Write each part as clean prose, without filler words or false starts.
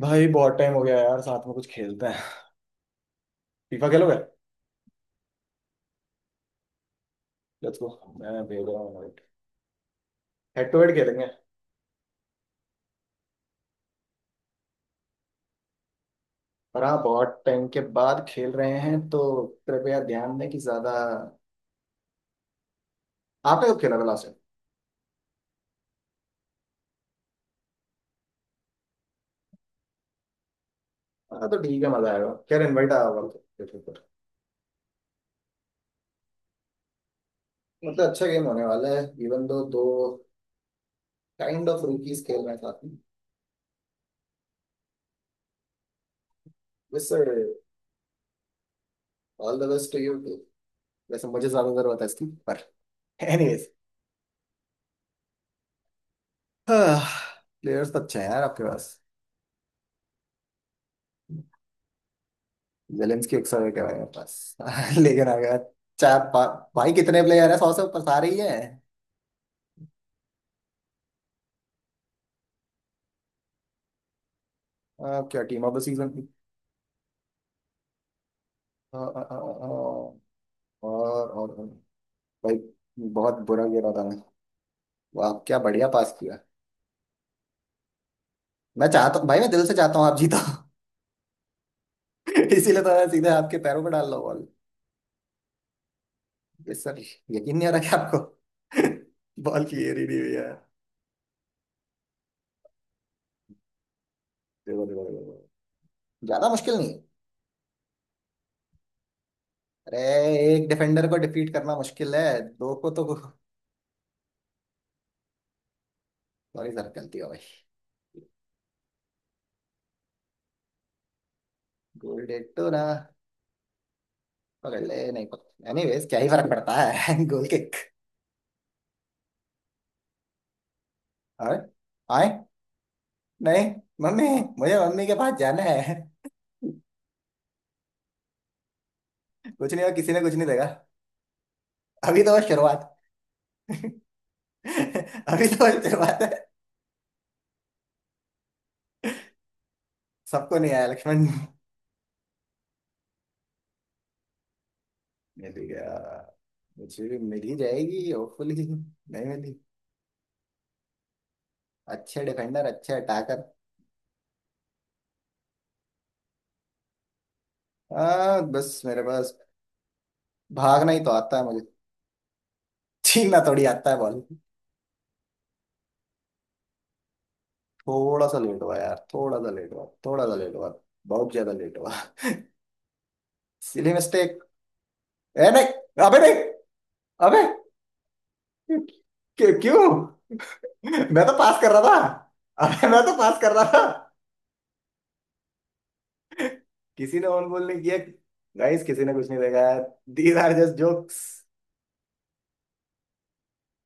भाई, बहुत टाइम हो गया यार, साथ में कुछ खेलते हैं। फीफा खेलोगे? Let's go. मैं भेज रहा हूँ invite। हेड टू हेड खेलेंगे। पर हाँ, बहुत टाइम के बाद खेल रहे हैं तो कृपया ध्यान दें कि ज्यादा। आपने कब खेला था लास्ट टाइम? हाँ, तो ठीक है, मजा आएगा। खैर, इनवाइट आया होगा आपको, देखो पर। मतलब अच्छा गेम होने वाला है, इवन दो दो काइंड ऑफ रूकीज खेल रहे हैं साथ में। Yes sir. All the best to you. वैसे मुझे ज्यादा जरूरत है इसकी पर एनीवेज। प्लेयर्स तो अच्छे हैं यार आपके पास। जेलेंस्की 100 विकेट है बस लेकिन अगर चार पा, भाई कितने प्लेयर है, 100 से ऊपर सारे ही हैं। अब क्या टीम ऑफ द सीजन की। अ, अ, अ, अ, और और और- भाई बहुत बुरा गिरा था मैं। वाह क्या बढ़िया पास किया। मैं चाहता हूँ भाई, मैं दिल से चाहता हूँ आप जीतो। इसीलिए तो मैं सीधे आपके पैरों पर डाल रहा हूँ बॉल। ये सर, यकीन नहीं आ रहा क्या आपको? बॉल की एरी नहीं हुई है। देखो देखो देखो देखो। ज्यादा मुश्किल नहीं है। अरे एक डिफेंडर को डिफीट करना मुश्किल है, दो को तो। सॉरी सर, गलती हो गई। गोल। ना पकड़ ले, नहीं पकड़, एनीवेज क्या ही फर्क पड़ता है गोल किक। और आए नहीं। मम्मी, मुझे मम्मी के पास जाना है। कुछ नहीं, और किसी ने कुछ नहीं देगा। अभी तो बस शुरुआत। अभी तो बस शुरुआत है। सबको नहीं आया लक्ष्मण। मिल गया। मुझे भी मिल ही जाएगी होपफुली, नहीं मिली। अच्छे डिफेंडर, अच्छे अटैकर। हाँ बस मेरे पास भागना ही तो आता है मुझे, छीनना थोड़ी आता है बॉल। थोड़ा सा लेट हुआ यार, थोड़ा सा लेट हुआ, थोड़ा सा लेट हुआ, बहुत ज्यादा लेट हुआ। Silly mistake. ए नहीं, अबे नहीं। अबे, क्यों क्यों? मैं तो पास कर रहा था, अबे मैं तो पास कर रहा था। किसी ने ऑन गोल नहीं किया। गाइस किसी ने कुछ नहीं देखा यार, दीज आर जस्ट जोक्स।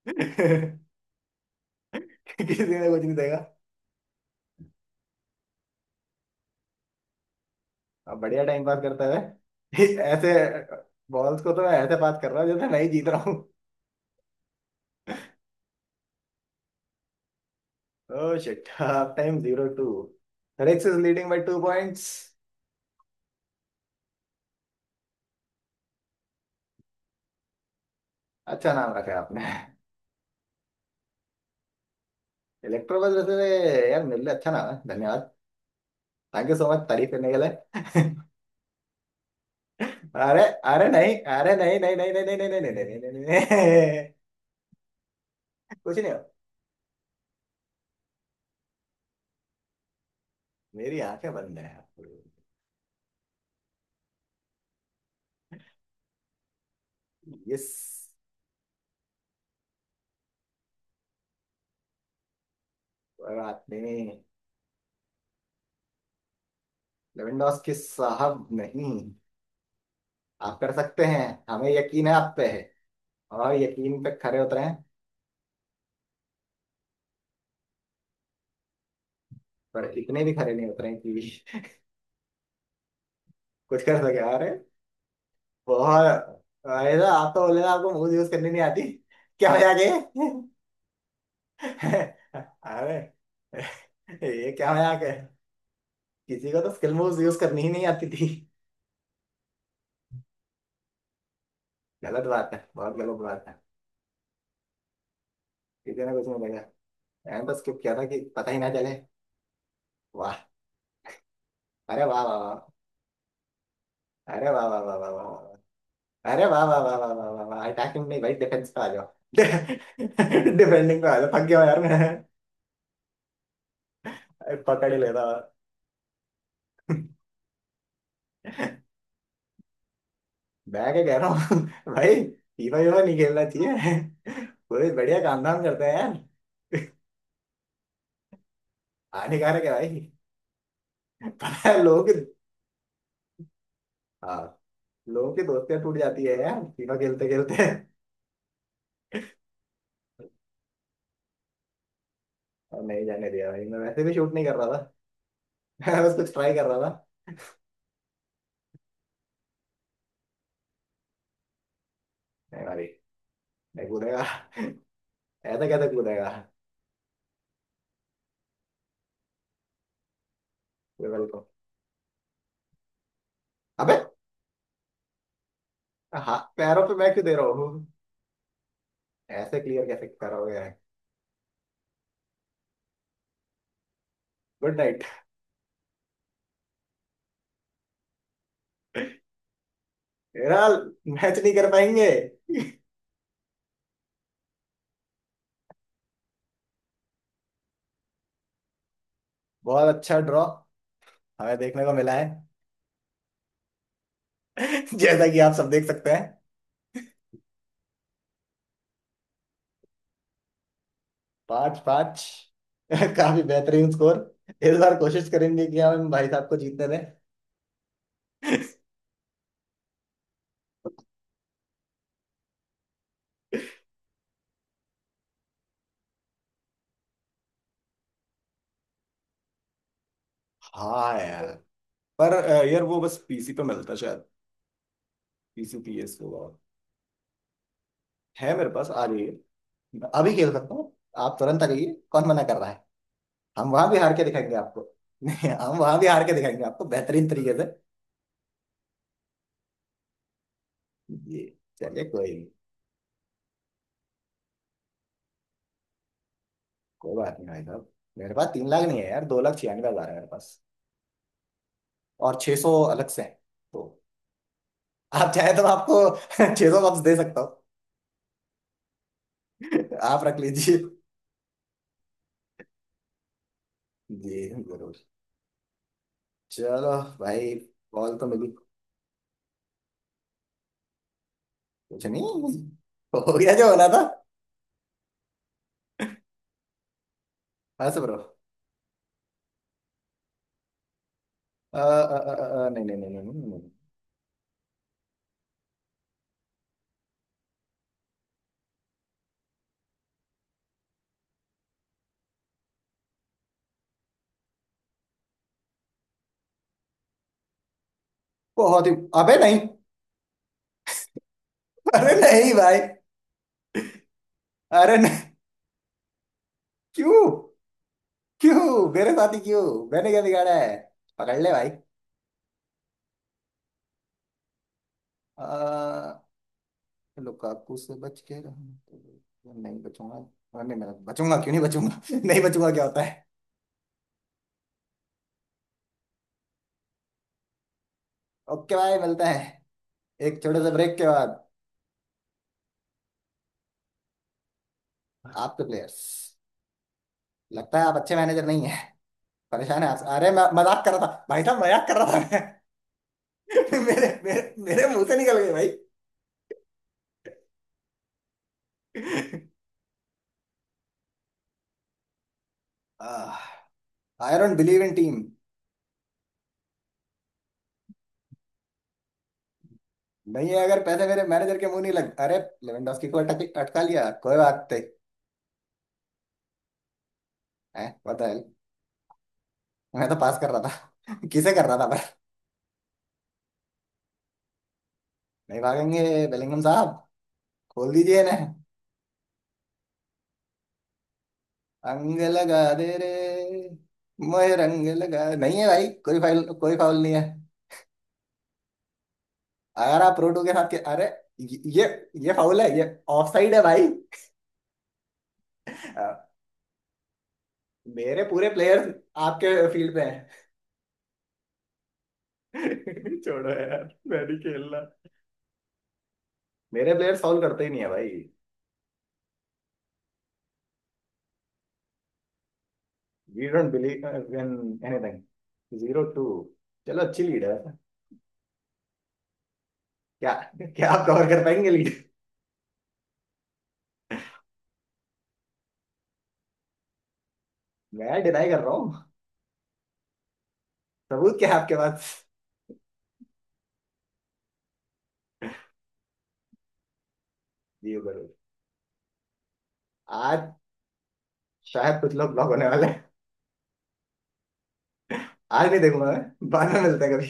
किसी ने कुछ नहीं देखा। अब बढ़िया टाइम पास करते हुए ऐसे बॉल्स को तो मैं ऐसे पास कर रहा हूँ जैसे मैं ही जीत रहा हूँ। Oh shit, half time zero two. Ricks is leading by two points. अच्छा नाम रखा है आपने। इलेक्ट्रो, बस वैसे यार मिल रहा, अच्छा नाम है, धन्यवाद। थैंक यू सो मच तारीफ करने के लिए। अरे, अरे नहीं, अरे नहीं नहीं नहीं नहीं नहीं नहीं नहीं नहीं नहीं नहीं नहीं। कुछ नहीं हो, मेरी आंखें बंद है। यस। बात नहीं। लेवेंडोस्की साहब, नहीं आप कर सकते हैं, हमें यकीन है आप पे है, और यकीन पे खरे उतरे हैं। पर इतने भी खरे नहीं उतरे हैं कि कुछ कर सके, अरे। बहुत। अरे, आप तो बोले ना आपको मूव यूज करनी नहीं आती, क्या मजाक है। अरे ये क्या मजाक है। किसी को तो स्किल मूव्स यूज करनी ही नहीं आती थी। गलत बात है, बहुत गलत बात है। किसी ने कुछ नहीं देखा। मैंने तो स्किप किया था कि पता ही ना चले। वाह। अरे वाह वाह वाह। अरे वाह वाह वाह वाह वाह वाह। अरे वाह वाह वाह वाह वाह वाह वाह, अटैकिंग नहीं भाई, डिफेंस पे आ जाओ। डिफेंडिंग पे आ जाओ, थक गया हूं यार मैं। पकड़ ही लेता। मैं क्या कह रहा हूँ भाई फीफा वीफा नहीं खेलना चाहिए, पूरे बढ़िया काम धाम करते हैं यार। हानिकारक है भाई। पता है लोग। हाँ। लोगों की दोस्तियां टूट जाती है यार तीनों खेलते खेलते। और नहीं जाने दिया भाई, मैं वैसे भी शूट नहीं कर रहा था। मैं बस कुछ ट्राई कर रहा था। नहीं भाई, नहीं कूदेगा, ऐसा कैसे कूदेगा। गूगल को। अबे। हाँ, पैरों पे मैं क्यों दे रहा हूँ, ऐसे क्लियर कैसे करोगे। Good night. यार मैच नहीं कर पाएंगे। बहुत अच्छा ड्रॉ हमें देखने को मिला है। जैसा कि आप सब देख सकते हैं। पाँच पाँच। काफी बेहतरीन स्कोर। इस बार कोशिश करेंगे कि हम भाई साहब को जीतने दें। हाँ यार। पर यार वो बस पीसी पे मिलता है शायद। पीसी पीएस होगा। है मेरे पास, आ जाइए। अभी खेल सकता हूँ। आप तुरंत आ जाइए, कौन मना कर रहा है। हम वहां भी हार के दिखाएंगे आपको। नहीं हम वहां भी हार के दिखाएंगे आपको बेहतरीन तरीके से। जी, चलिए कोई नहीं। कोई बात नहीं भाई साहब। मेरे पास तीन लाख नहीं है यार, दो लाख छियानवे हजार है मेरे पास। और 600 अलग से हैं। तो आप चाहे तो मैं आपको 600 वापस दे सकता हूँ, आप रख लीजिए। जी, जरूर। चलो भाई। कॉल तो मिली। कुछ नहीं, हो गया जो होना था। हंस ब्रो। अ, अ, नहीं नहीं नहीं नहीं नहीं, नहीं। बहुत ही। अबे नहीं, अरे नहीं भाई, अरे नहीं। क्यों, क्यों मेरे साथ ही क्यों? मैंने क्या बिगाड़ा है? पकड़ ले भाई। अ, लुकाकू से बच के रहूं, नहीं बचूंगा। अरे नहीं, मैं बचूंगा, क्यों नहीं बचूंगा। नहीं बचूंगा क्या होता है। ओके भाई, मिलता है एक छोटे से ब्रेक के बाद। आपके प्लेयर्स, लगता है आप अच्छे मैनेजर नहीं है, परेशान है आप। अरे मैं मजाक कर रहा था भाई साहब, मजाक कर रहा था। मैं मेरे मेरे मेरे मुंह से निकल गए भाई। I don't believe in team. नहीं है, अगर पैसे मेरे मैनेजर के मुंह नहीं लग, अरे। लेवेंडोस्की को अटका लिया, कोई बात नहीं है, पता है। मैं तो पास कर रहा था किसे कर रहा था पर। नहीं भागेंगे बेलिंगम साहब, खोल दीजिए ना। अंग लगा दे रे, मोहे रंग लगा। नहीं है भाई, कोई फाउल, कोई फाउल नहीं है, अगर आप रोडू के साथ के, अरे। ये ये ये फाउल है ये। ऑफ साइड है भाई। अ, मेरे पूरे प्लेयर्स आपके फील्ड पे हैं। छोड़ो यार, मैं नहीं खेलना, मेरे प्लेयर सॉल्व करते ही नहीं है भाई। We don't believe in anything. Zero two, चलो अच्छी लीड है। क्या, क्या आप कवर कर पाएंगे लीड? मैं डिनाई कर रहा हूँ, सबूत क्या है आपके पास? दियो करो। आज शायद कुछ लोग ब्लॉक होने वाले हैं। आज नहीं देखूंगा मैं, बाद में मिलते हैं कभी।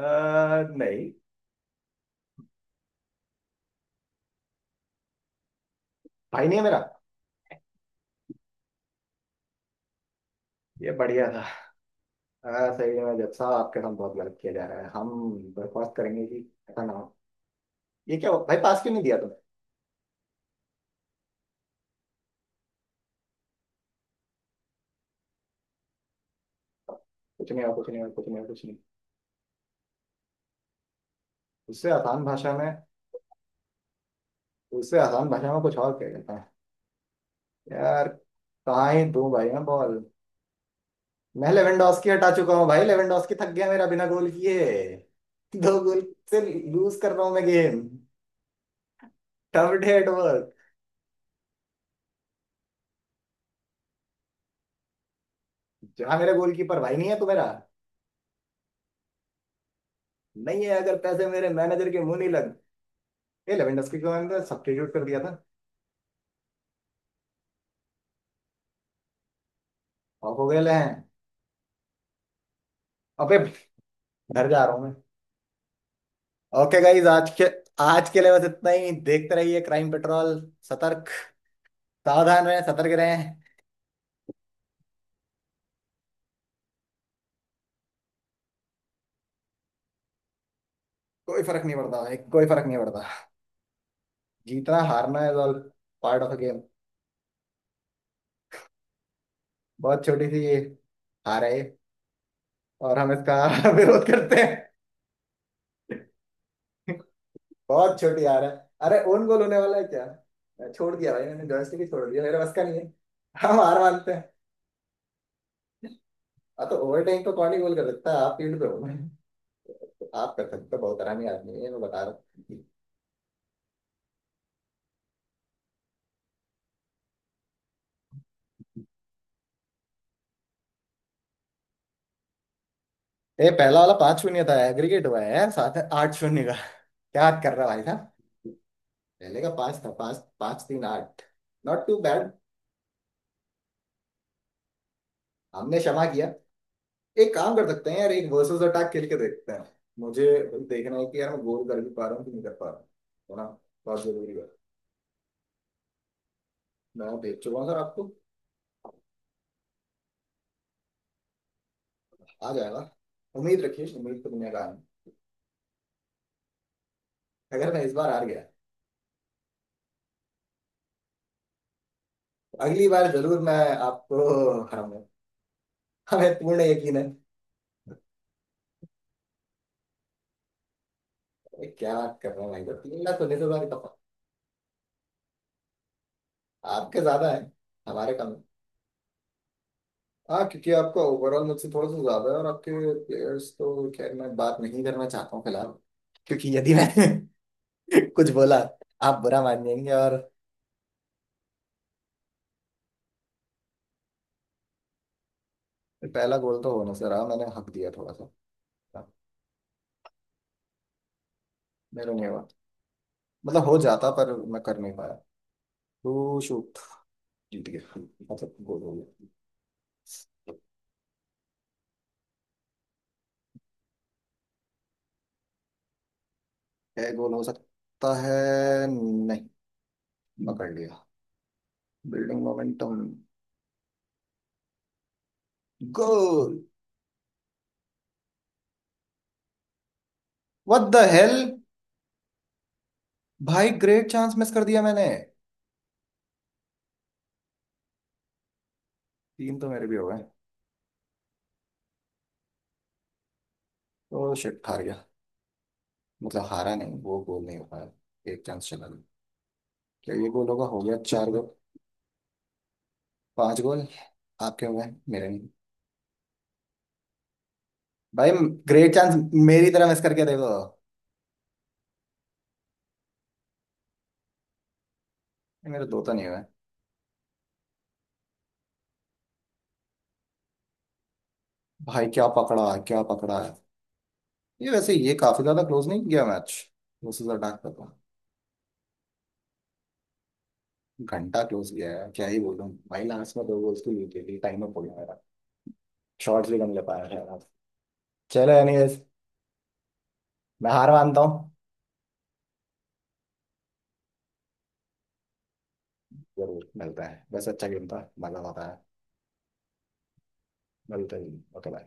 नहीं, भाई नहीं है मेरा। ये बढ़िया था। सही है, मैं जब साहब आपके साथ बहुत गलत किया जा रहा है, हम बर्खास्त करेंगे कि ऐसा ना हो। ये क्या हुआ? भाई पास क्यों नहीं दिया तुमने? कुछ नहीं हुआ, कुछ नहीं हुआ, कुछ नहीं हुआ, कुछ नहीं। उससे आसान भाषा में, उससे आसान भाषा में कुछ और कह देते हैं यार। कहाँ ही दूं भाई मैं बॉल। मैं लेवेंडोस्की हटा चुका हूँ भाई, लेवेंडोस्की थक गया मेरा बिना गोल किए। दो गोल से लूज कर रहा हूँ मैं game. Tough day at work. जहाँ मेरा गोलकीपर भाई नहीं है तो मेरा, नहीं है अगर पैसे मेरे मैनेजर के मुंह नहीं लग। ये लेवेंडोस्की को मैंने सब्स्टिट्यूट कर दिया था। ऑफ हो गए ले हैं। अबे, घर जा रहा हूँ मैं। ओके गाइज, आज के, आज के लिए बस इतना ही, देखते रहिए क्राइम पेट्रोल। सतर्क, सावधान रहें, सतर्क रहें। कोई फर्क नहीं पड़ता भाई, कोई फर्क नहीं पड़ता। जीतना हारना is all part of a game. बहुत छोटी सी ये हार है ये, और हम इसका विरोध करते हैं। बहुत छोटी हार है। अरे ओन गोल होने वाला है क्या? मैं छोड़ दिया भाई, मैंने जॉयस्टिक ही छोड़ दिया, मेरे बस का नहीं है। हम हार मानते हैं। हाँ तो ओवरटाइम तो कौन ही गोल कर सकता है, आप फील्ड पे हो तो आप कर सकते हो। बहुत आरामी आदमी है ये, मैं बता रहा हूँ। ये पहला वाला पांच शून्य था, एग्रीगेट हुआ है यार साथ है आठ शून्य का। क्या बात कर रहा है भाई साहब, पहले का पांच था, पांच पांच तीन आठ। Not too bad. हमने क्षमा किया। एक काम कर सकते हैं यार, एक वर्सेस अटैक खेल के देखते हैं। मुझे देखना है कि यार मैं गोल कर भी पा रहा हूँ कि नहीं कर पा रहा हूँ, है ना। बहुत जरूरी है। मैं भेज चुका हूँ सर आपको। आ जाएगा, उम्मीद रखिए, उम्मीद तो दुनिया का आनी। अगर मैं इस बार हार गया तो अगली बार जरूर मैं आपको हराऊंगा, हमें पूर्ण यकीन है। अरे क्या बात कर रहे हैं भाई साहब, तीन लाख उन्नीस हजार का फ़र्क। आपके ज्यादा है, हमारे कम है। हाँ क्योंकि आपका ओवरऑल मुझसे थोड़ा सा ज्यादा है, और आपके प्लेयर्स तो खैर मैं बात नहीं करना चाहता हूँ फिलहाल, क्योंकि यदि मैं कुछ बोला आप बुरा मान जाएंगे और। पहला गोल तो हो नहीं सर, मैंने हक दिया थोड़ा सा। मेरा नहीं हुआ, मतलब हो जाता पर मैं कर नहीं पाया टू शूट। जीत गया, मतलब गोल हो गया। क्या गोल हो सकता है? नहीं, पकड़ लिया। Building momentum. Goal. What the hell, भाई ग्रेट चांस मिस कर दिया मैंने। तीन तो मेरे भी हो गए। तो शिट, हार गया, मतलब हारा नहीं, वो गोल नहीं हो पाया, एक चांस चला गया। क्या ये गोल होगा? हो गया, चार गोल। पांच गोल आपके हो गए, मेरे नहीं। भाई ग्रेट चांस, मेरी तरह मिस करके देखो। ये मेरे दो तो नहीं हुए। भाई क्या पकड़ा, क्या पकड़ा है। ये वैसे ये काफी ज्यादा क्लोज नहीं किया मैच वर्सेस अटैक का तो। घंटा क्लोज किया है, क्या ही बोलूं भाई, लास्ट में दो गोल्स की लीड थी, टाइम अप हो गया मेरा। शॉट्स भी कम ले पाया था। चलो एनीवेज, मैं हार मानता हूँ। जरूर मिलते हैं, वैसे अच्छा गेम था, मजा आता है। मिलते हैं। ओके।